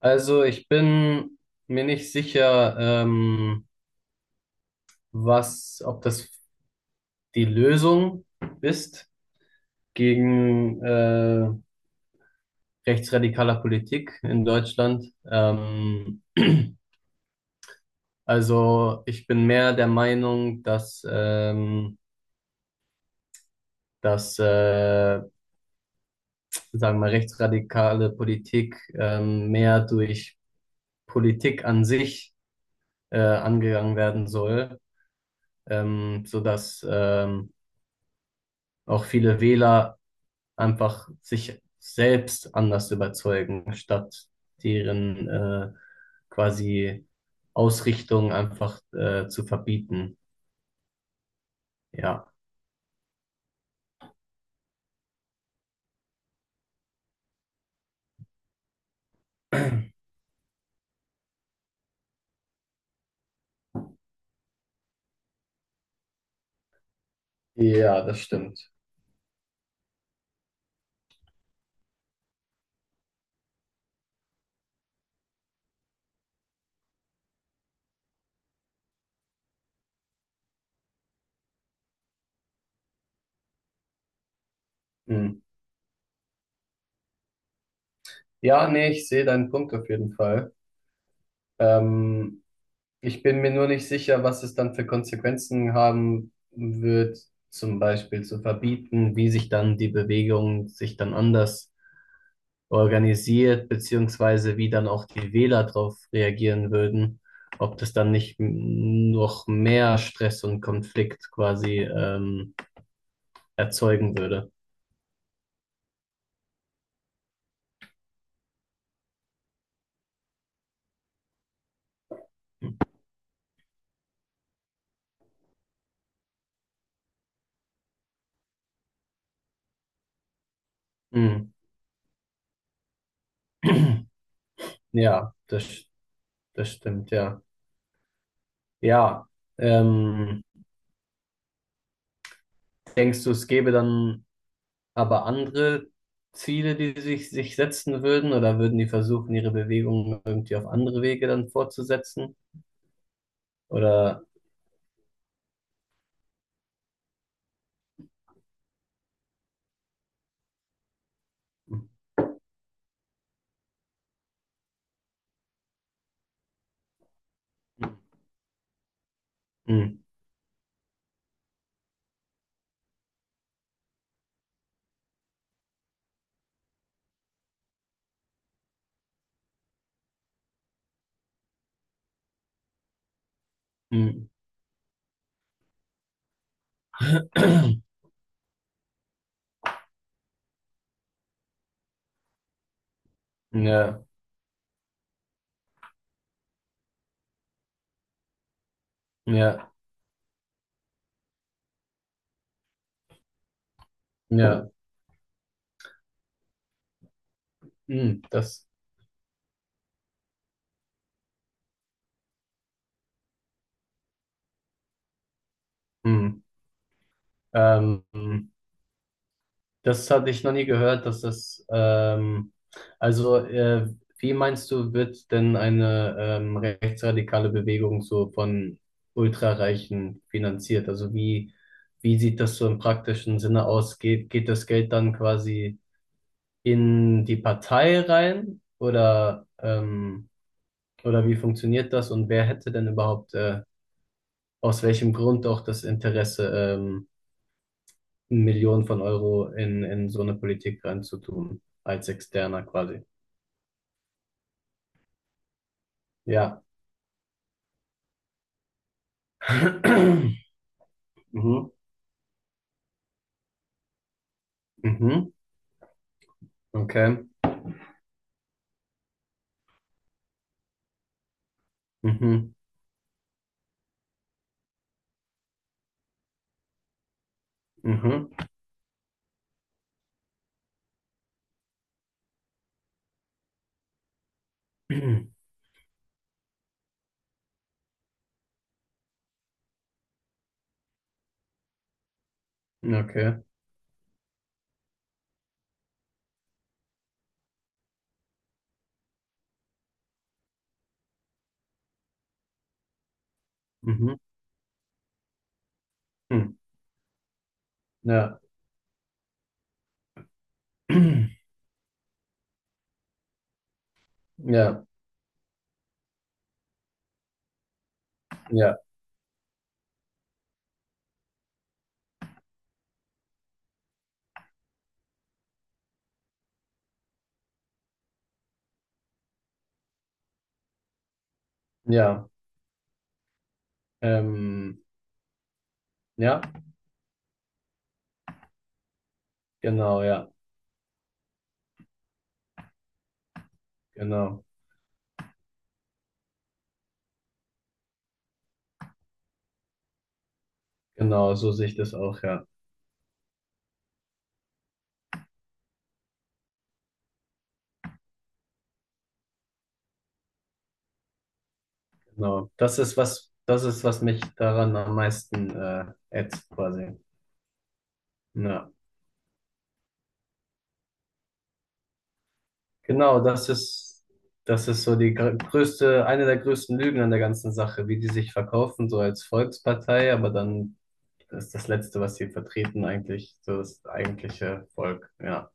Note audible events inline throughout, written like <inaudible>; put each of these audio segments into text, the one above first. Also ich bin mir nicht sicher, ähm, was, ob das die Lösung ist gegen rechtsradikale Politik in Deutschland. <clears throat> Also ich bin mehr der Meinung, dass sagen wir mal, rechtsradikale Politik mehr durch Politik an sich angegangen werden soll, sodass auch viele Wähler einfach sich selbst anders überzeugen, statt deren quasi Ausrichtung einfach zu verbieten. Ja. Ja, das stimmt. Hm. Ja, nee, ich sehe deinen Punkt auf jeden Fall. Ähm, ich bin mir nur nicht sicher, was es dann für Konsequenzen haben wird, zum Beispiel zu verbieten, wie sich dann die Bewegung sich dann anders organisiert, beziehungsweise wie dann auch die Wähler darauf reagieren würden, ob das dann nicht noch mehr Stress und Konflikt quasi erzeugen würde. Hm. <clears throat> Ja, das stimmt, ja. Ja, ähm, denkst du, es gäbe dann aber andere Ziele, die sich setzen würden, oder würden die versuchen, ihre Bewegungen irgendwie auf andere Wege dann fortzusetzen? Oder hm, hm, <clears throat> Ja. Ja, ja, hm, das, hm, ähm, das hatte ich noch nie gehört, also, äh, wie meinst du, wird denn eine rechtsradikale Bewegung so von Ultrareichen finanziert? Also wie sieht das so im praktischen Sinne aus? Geht das Geld dann quasi in die Partei rein oder wie funktioniert das und wer hätte denn überhaupt, aus welchem Grund auch das Interesse, ähm, Millionen von Euro in so eine Politik reinzutun, als Externer quasi. Ja. <clears throat> Mhm. Mhm. Okay. Mhm. Mhm. <clears throat> Okay. Mhm. Hm. Ja. <clears throat> Ja. Ja. Ja. Ähm, ja. Genau. Ja. Genau. Genau. So sehe ich das auch. Ja. Genau. Das ist was. Das ist was mich daran am meisten ätzt quasi. Ja. Genau, das ist so die größte, eine der größten Lügen an der ganzen Sache, wie die sich verkaufen, so als Volkspartei, aber dann ist das Letzte, was sie vertreten, eigentlich so das eigentliche Volk. Ja,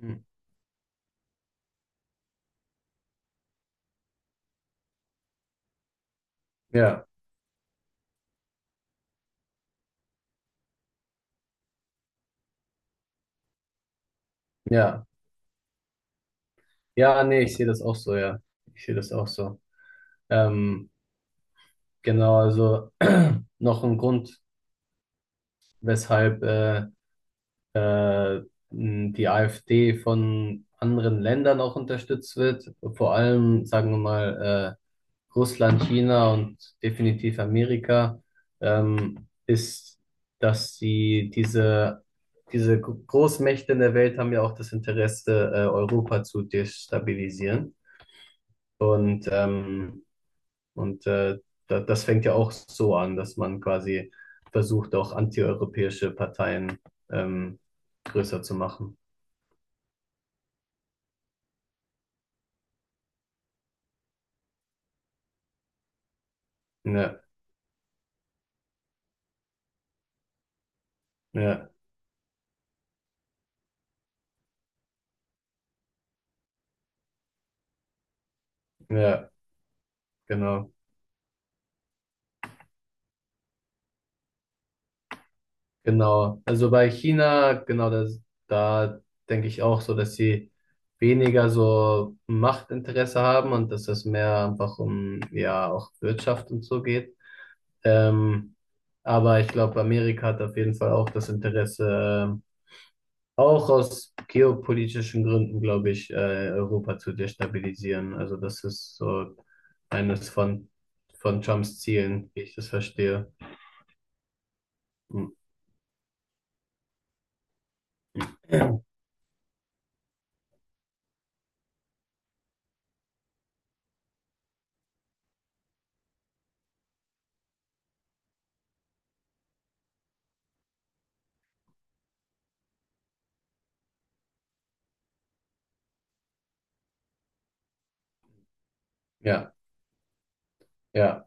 Hm. ja, ja. Ja, nee, ich sehe das auch so, ja. Ich sehe das auch so. Ähm, genau, also <clears throat> noch ein Grund, weshalb die AfD von anderen Ländern auch unterstützt wird, vor allem, sagen wir mal, Russland, China und definitiv Amerika, ist, dass sie diese Großmächte in der Welt haben ja auch das Interesse, Europa zu destabilisieren. Und, ähm, und das fängt ja auch so an, dass man quasi versucht, auch antieuropäische Parteien ähm, größer zu machen. Ja. Ja, ja, genau, genau. Also bei China, genau, das, da denke ich auch so, dass sie weniger so Machtinteresse haben und dass es mehr einfach um, ja, auch Wirtschaft und so geht. Ähm, aber ich glaube, Amerika hat auf jeden Fall auch das Interesse, ähm, auch aus geopolitischen Gründen, glaube ich, Europa zu destabilisieren. Also das ist so eines von Trumps Zielen, wie ich das verstehe. Hm. Ja, ja.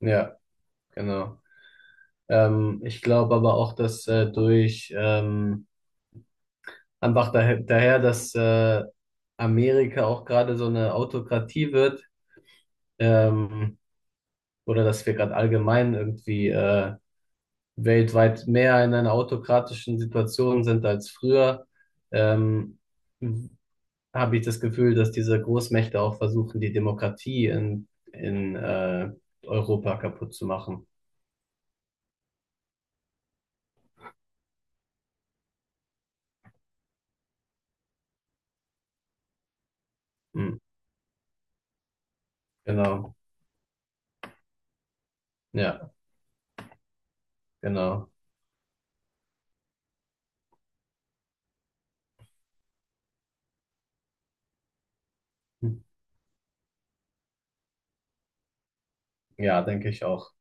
Ja, genau. Ich glaube aber auch, dass daher, dass Amerika auch gerade so eine Autokratie wird, ähm, oder dass wir gerade allgemein irgendwie weltweit mehr in einer autokratischen Situation sind als früher, ähm, habe ich das Gefühl, dass diese Großmächte auch versuchen, die Demokratie in Europa kaputt zu machen. Hm, genau. Ja, genau. Hm. Ja, denke ich auch.